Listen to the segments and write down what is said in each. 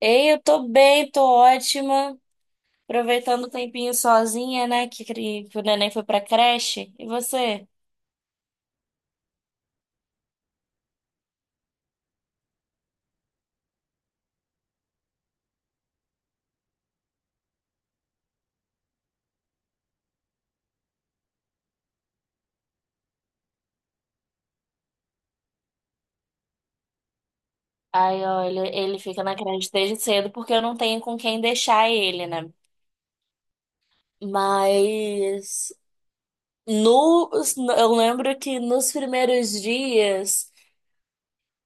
Ei, eu tô bem, tô ótima. Aproveitando o tempinho sozinha, né? Que o neném foi pra creche. E você? Ai, olha, ele fica na creche desde cedo porque eu não tenho com quem deixar ele, né? Mas no, eu lembro que nos primeiros dias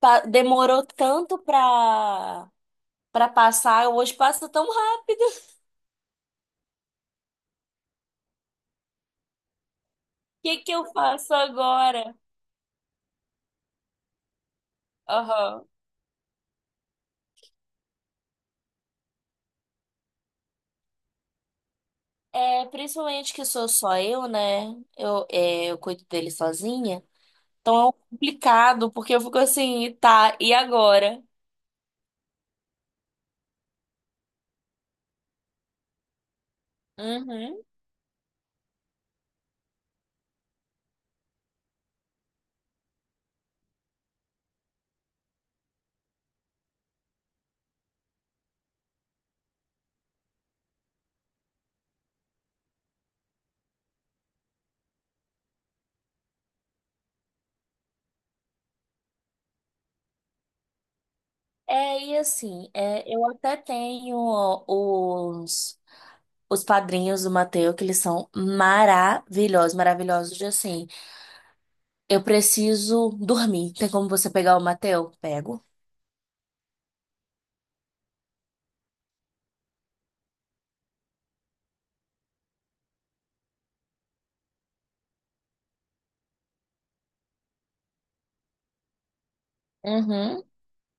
demorou tanto pra passar. Hoje passa tão rápido. O que que eu faço agora? Aham. É, principalmente que sou só eu, né? Eu cuido dele sozinha. Então é um complicado, porque eu fico assim, tá, e agora? Uhum. É, e assim, eu até tenho os, os padrinhos do Mateus que eles são maravilhosos, maravilhosos de assim. Eu preciso dormir. Tem como você pegar o Mateus Pego. Uhum.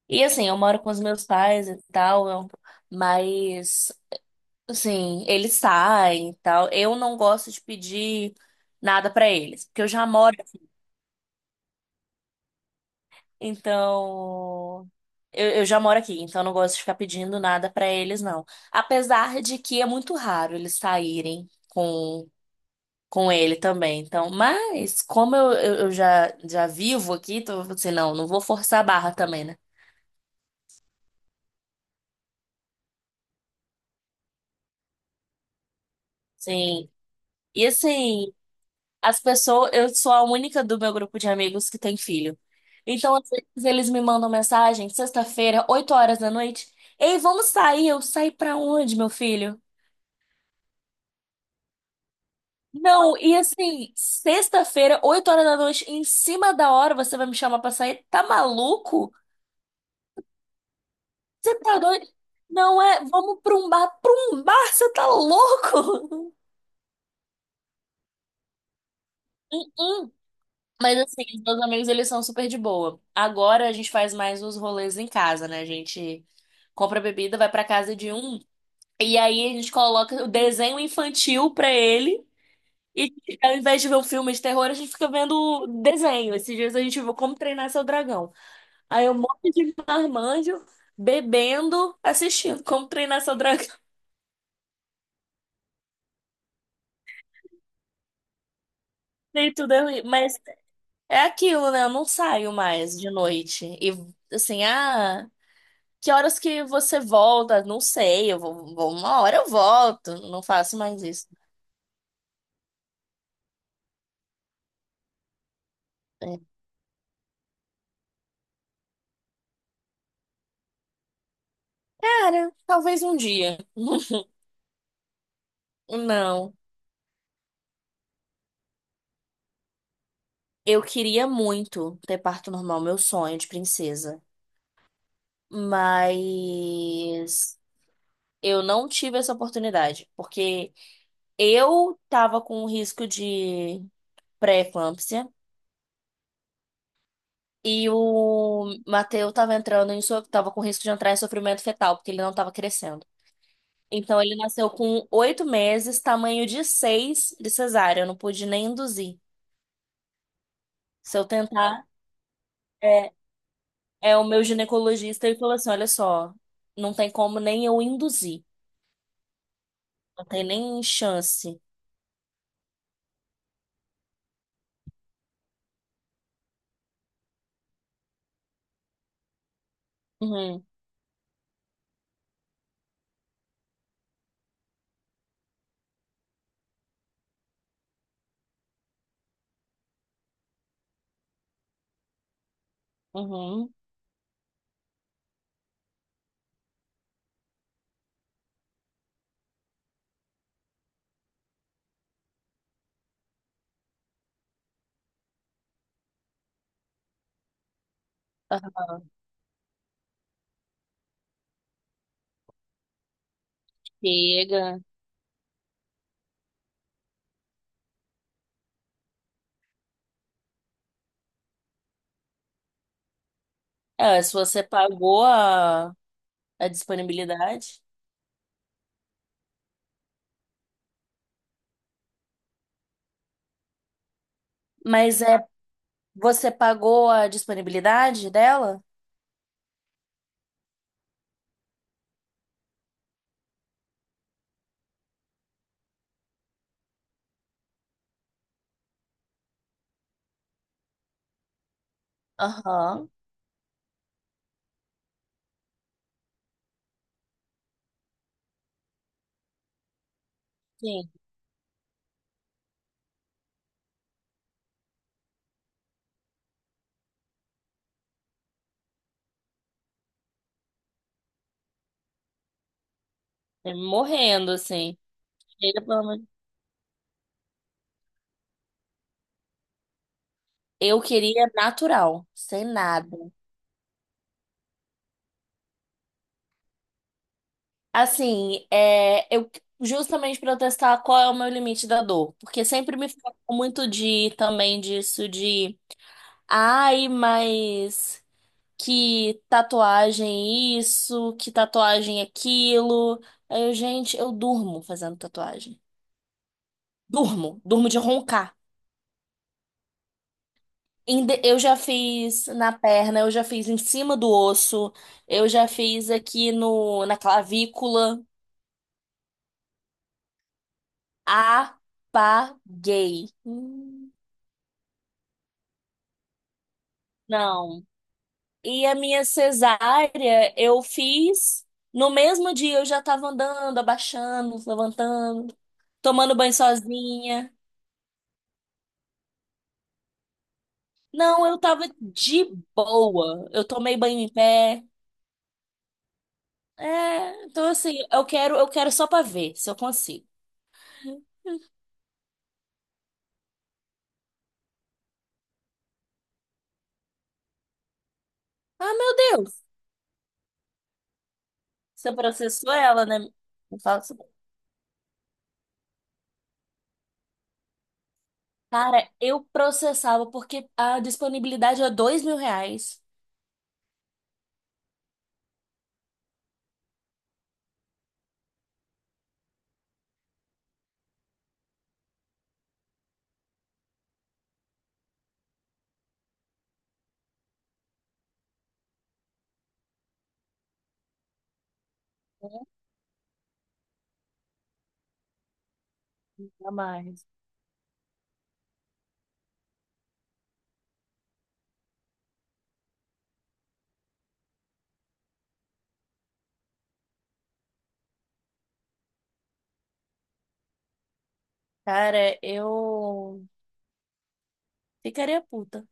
E assim, eu moro com os meus pais e tal, mas. Sim, eles saem e tal. Eu não gosto de pedir nada pra eles, porque eu já moro, então eu já moro aqui, então eu não gosto de ficar pedindo nada pra eles, não. Apesar de que é muito raro eles saírem com ele também. Então, mas como eu já vivo aqui, então eu falei assim, não, não vou forçar a barra também, né? Sim. E assim, as pessoas, eu sou a única do meu grupo de amigos que tem filho. Então, às vezes, eles me mandam mensagem, sexta-feira, 8 horas da noite. Ei, vamos sair? Eu sair pra onde, meu filho? Não, e assim, sexta-feira, 8 horas da noite, em cima da hora, você vai me chamar pra sair? Tá maluco? Você tá doido? Não é, vamos pra um bar. Pra um bar, você tá louco? Mas assim, os meus amigos, eles são super de boa. Agora a gente faz mais os rolês em casa, né? A gente compra bebida, vai pra casa de um, e aí a gente coloca o desenho infantil pra ele. E ao invés de ver um filme de terror, a gente fica vendo desenho. Esses dias a gente viu Como Treinar Seu Dragão. Aí um monte de marmanjo bebendo, assistindo Como Treinar Seu Dragão. E tudo é ruim. Mas é aquilo, né? Eu não saio mais de noite. E assim, ah. Que horas que você volta? Não sei, eu uma hora eu volto, não faço mais isso. É. Cara, talvez um dia. Não, eu queria muito ter parto normal, meu sonho de princesa, mas eu não tive essa oportunidade, porque eu tava com um risco de pré-eclâmpsia e o Mateu tava entrando em so- tava com risco de entrar em sofrimento fetal, porque ele não tava crescendo. Então ele nasceu com 8 meses, tamanho de seis de cesárea. Eu não pude nem induzir. Se eu tentar, é, é o meu ginecologista e falou assim: olha só, não tem como nem eu induzir. Não tem nem chance. Uhum, uhum. Aham. Chega. É, se você pagou a, disponibilidade. Mas é, você pagou a disponibilidade dela? Aham, sim. É morrendo, assim. Chega, pelo amor de- Eu queria natural, sem nada. Assim, é, eu justamente para eu testar qual é o meu limite da dor, porque sempre me falam muito de também disso de, ai, mas que tatuagem isso, que tatuagem aquilo. Aí eu, gente, eu durmo fazendo tatuagem. Durmo, durmo de roncar. Eu já fiz na perna, eu já fiz em cima do osso, eu já fiz aqui na clavícula. Apaguei. Não. E a minha cesárea eu fiz no mesmo dia, eu já tava andando, abaixando, levantando, tomando banho sozinha. Não, eu tava de boa. Eu tomei banho em pé. É, então assim, eu quero só pra ver se eu consigo. Ah, meu Deus. Você processou ela, né? Me fala sobre- Cara, eu processava porque a disponibilidade é R$ 2.000 a mais. Cara, eu ficaria puta.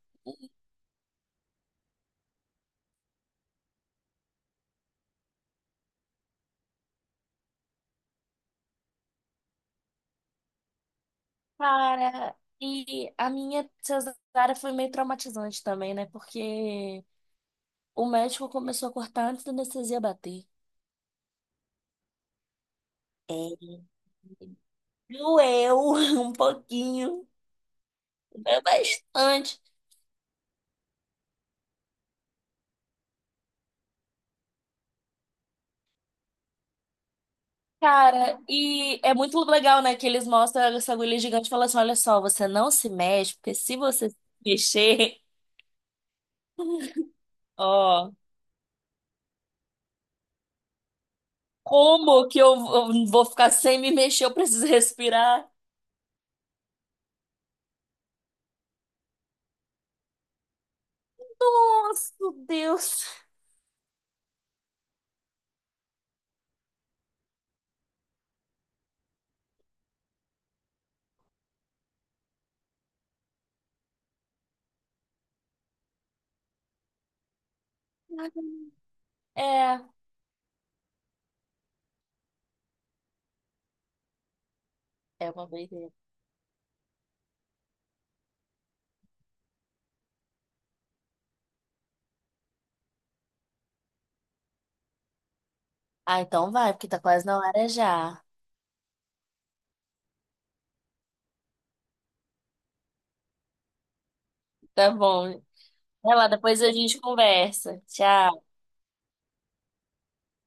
Cara, e a minha cesárea foi meio traumatizante também, né? Porque o médico começou a cortar antes da anestesia bater. Doeu um pouquinho, doeu bastante. Cara, e é muito legal, né? Que eles mostram essa agulha gigante e falam assim: olha só, você não se mexe, porque se você se mexer, ó, como que eu vou ficar sem me mexer? Eu preciso respirar. Nossa, Deus. É, é uma vez. Ah, então vai, porque tá quase na hora já. Tá bom. Vai lá, depois a gente conversa. Tchau.